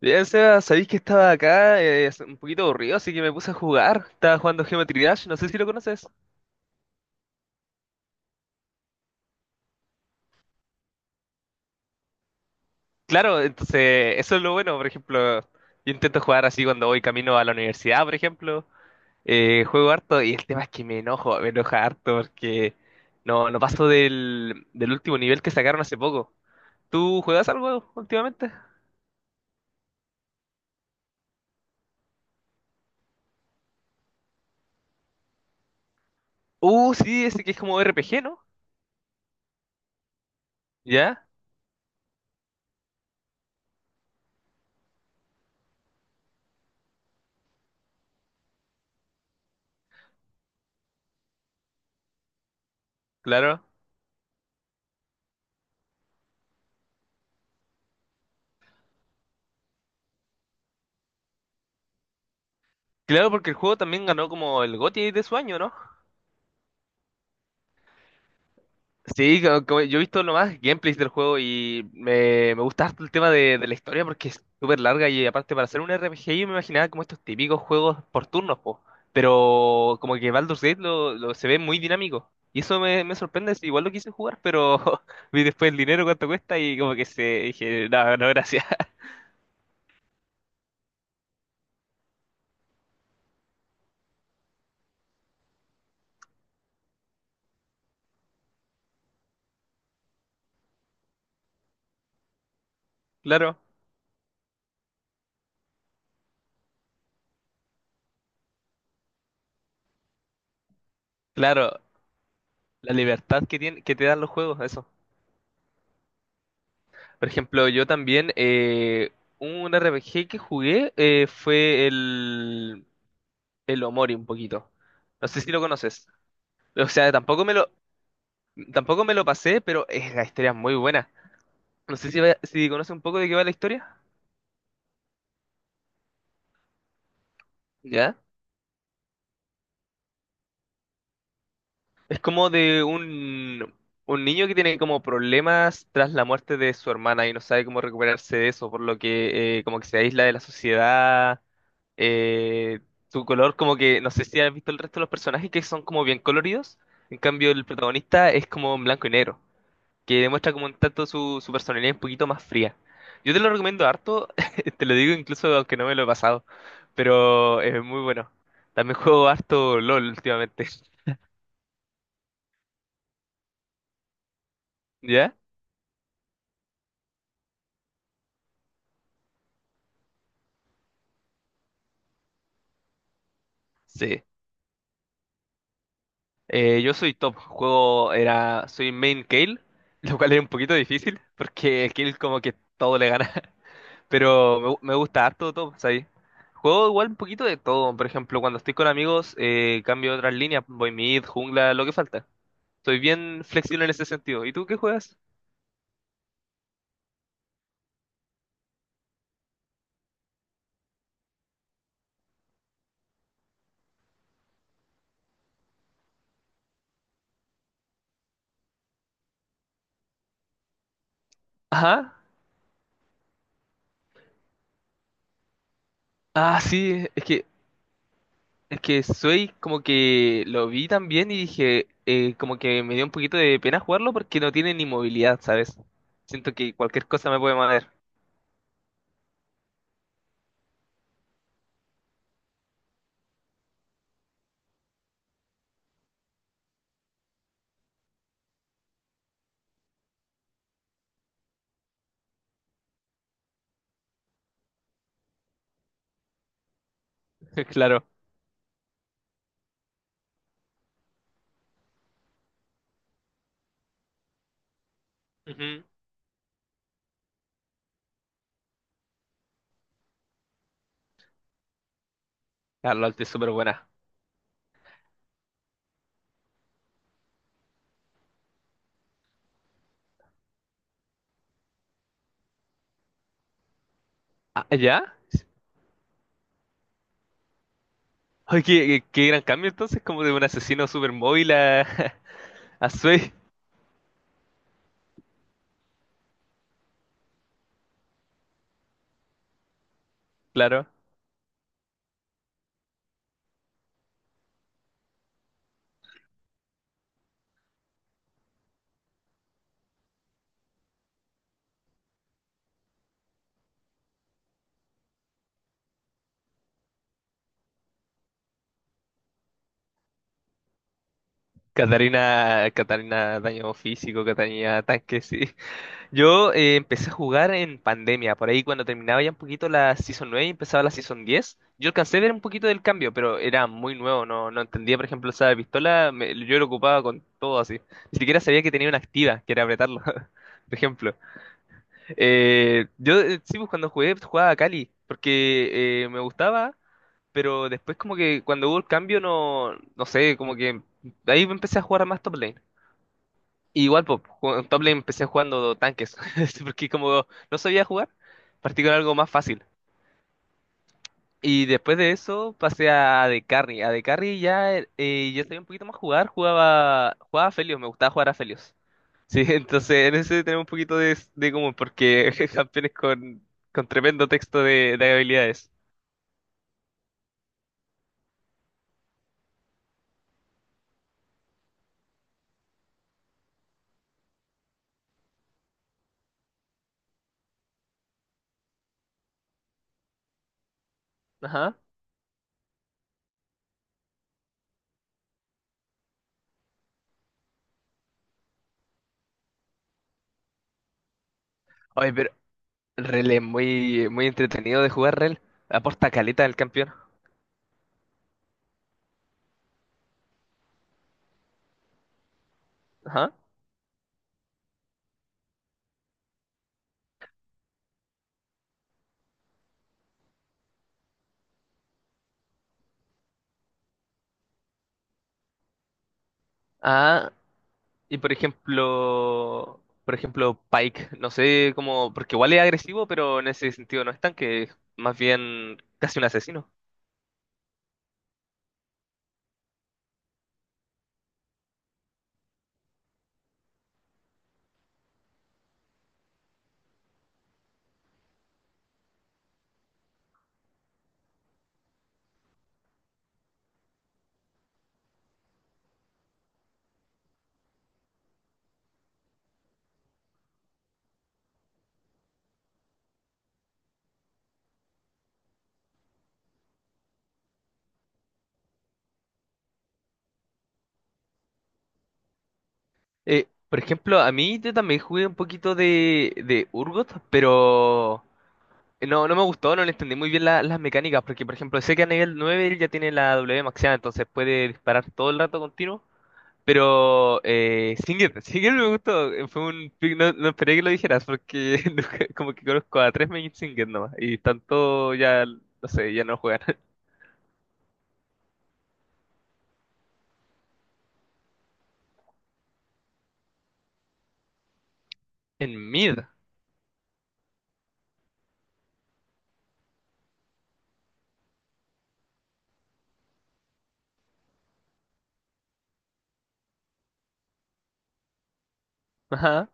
Ya, o sea, sabéis que estaba acá un poquito aburrido, así que me puse a jugar. Estaba jugando Geometry Dash, no sé si lo conoces. Claro, entonces eso es lo bueno, por ejemplo, yo intento jugar así cuando voy camino a la universidad, por ejemplo. Juego harto y el tema es que me enoja harto porque no paso del último nivel que sacaron hace poco. ¿Tú juegas algo últimamente? Sí, ese que es como RPG, ¿no? Ya, claro. Claro, porque el juego también ganó como el GOTY de su año, ¿no? Sí, como yo he visto nomás gameplays del juego y me gusta harto el tema de la historia porque es súper larga y aparte para hacer un RPG yo me imaginaba como estos típicos juegos por turnos, po. Pero como que Baldur's Gate se ve muy dinámico y eso me sorprende, sí, igual lo quise jugar, pero vi después el dinero cuánto cuesta y como que se dije, no, no, gracias. Claro, claro, la libertad que tiene, que te dan los juegos, eso. Por ejemplo, yo también un RPG que jugué fue el Omori un poquito. No sé si lo conoces. O sea, tampoco me lo pasé, pero es, la historia es muy buena. No sé si, si conoces un poco de qué va la historia. ¿Ya? Es como de un niño que tiene como problemas tras la muerte de su hermana y no sabe cómo recuperarse de eso, por lo que como que se aísla de la sociedad. Eh, Su color como que, no sé si has visto el resto de los personajes que son como bien coloridos. En cambio, el protagonista es como en blanco y negro. Que demuestra como un tanto su personalidad un poquito más fría. Yo te lo recomiendo harto, te lo digo incluso aunque no me lo he pasado, pero es muy bueno. También juego harto LOL últimamente, ¿ya? Sí. Yo soy top, soy main Kayle, lo cual es un poquito difícil, porque Kayle como que todo le gana, pero me gusta harto top, ¿sabes? Juego igual un poquito de todo, por ejemplo, cuando estoy con amigos, cambio otras líneas, voy mid, jungla, lo que falta. Soy bien flexible en ese sentido. ¿Y tú qué juegas? Ajá. Ah, sí, es que soy como que lo vi también y dije, como que me dio un poquito de pena jugarlo porque no tiene ni movilidad, ¿sabes? Siento que cualquier cosa me puede mover. Claro. Ujú. Ah, LOL es súper buena. Ah, ¿ya? Ay, qué gran cambio entonces, como de un asesino súper móvil a, a Swain. Claro. Catarina, Catarina daño físico, Catarina tanque, sí. Yo empecé a jugar en pandemia, por ahí cuando terminaba ya un poquito la Season 9 y empezaba la Season 10. Yo alcancé a ver un poquito del cambio, pero era muy nuevo, no entendía, por ejemplo, esa pistola, yo lo ocupaba con todo así. Ni siquiera sabía que tenía una activa, que era apretarlo, por ejemplo. Yo Sí, pues cuando jugué, jugaba a Cali, porque me gustaba, pero después como que cuando hubo el cambio, no sé, como que ahí empecé a jugar a más top lane. Y igual, pues, en top lane empecé jugando tanques, porque como no sabía jugar, partí con algo más fácil. Y después de eso pasé a de Carry. A de Carry ya yo sabía un poquito más jugar, jugaba a Felios, me gustaba jugar a Felios. Sí, entonces en ese tenemos un poquito de común, porque campeones con tremendo texto de habilidades. Ajá. Oye, pero Rel es muy entretenido de jugar, Rel. Aporta caleta al campeón. Ajá. Ah, y por ejemplo, Pike, no sé cómo, porque igual es agresivo, pero en ese sentido no es tan que es más bien casi un asesino. Por ejemplo, a mí yo también jugué un poquito de Urgot, pero no me gustó, no le entendí muy bien la- las mecánicas, porque por ejemplo, sé que a nivel 9 él ya tiene la W maxeada, entonces puede disparar todo el rato continuo. Pero Singed, Singed me gustó, fue un pick, no esperé que lo dijeras porque nunca- como que conozco a tres main Singed nomás y tanto ya, no sé, ya no juegan. En mid, ajá,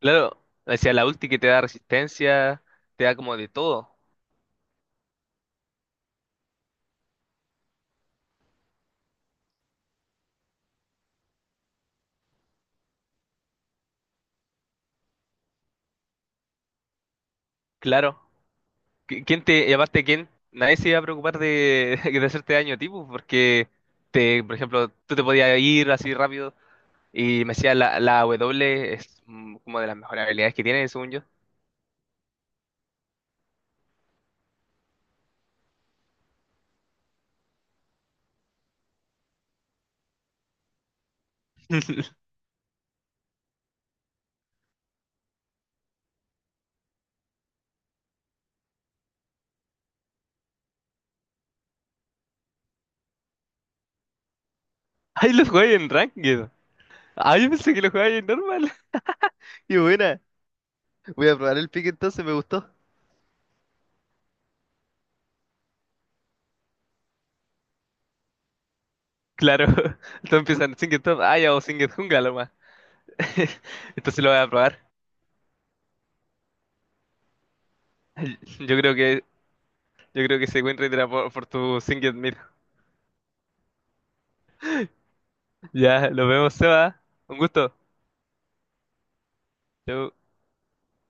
claro, decía la ulti que te da resistencia, te da como de todo, claro. ¿Quién te, y aparte quién, nadie se iba a preocupar de, de hacerte daño tipo porque te, por ejemplo, tú te podías ir así rápido y me decía la W es mm, como de las mejores habilidades que tiene, según yo. Ay, lo jugáis en Ranked. Ah, yo pensé que lo jugáis en normal. Y buena, voy a probar el pick entonces, me gustó. Claro, todos empiezan Singed Top. Ah, ya o Singed Jungla lo más. Entonces lo voy a probar. Yo creo que, yo creo que ese win rate era por tu Singed Mid. Ya, lo vemos, Seba. Un gusto. Chau.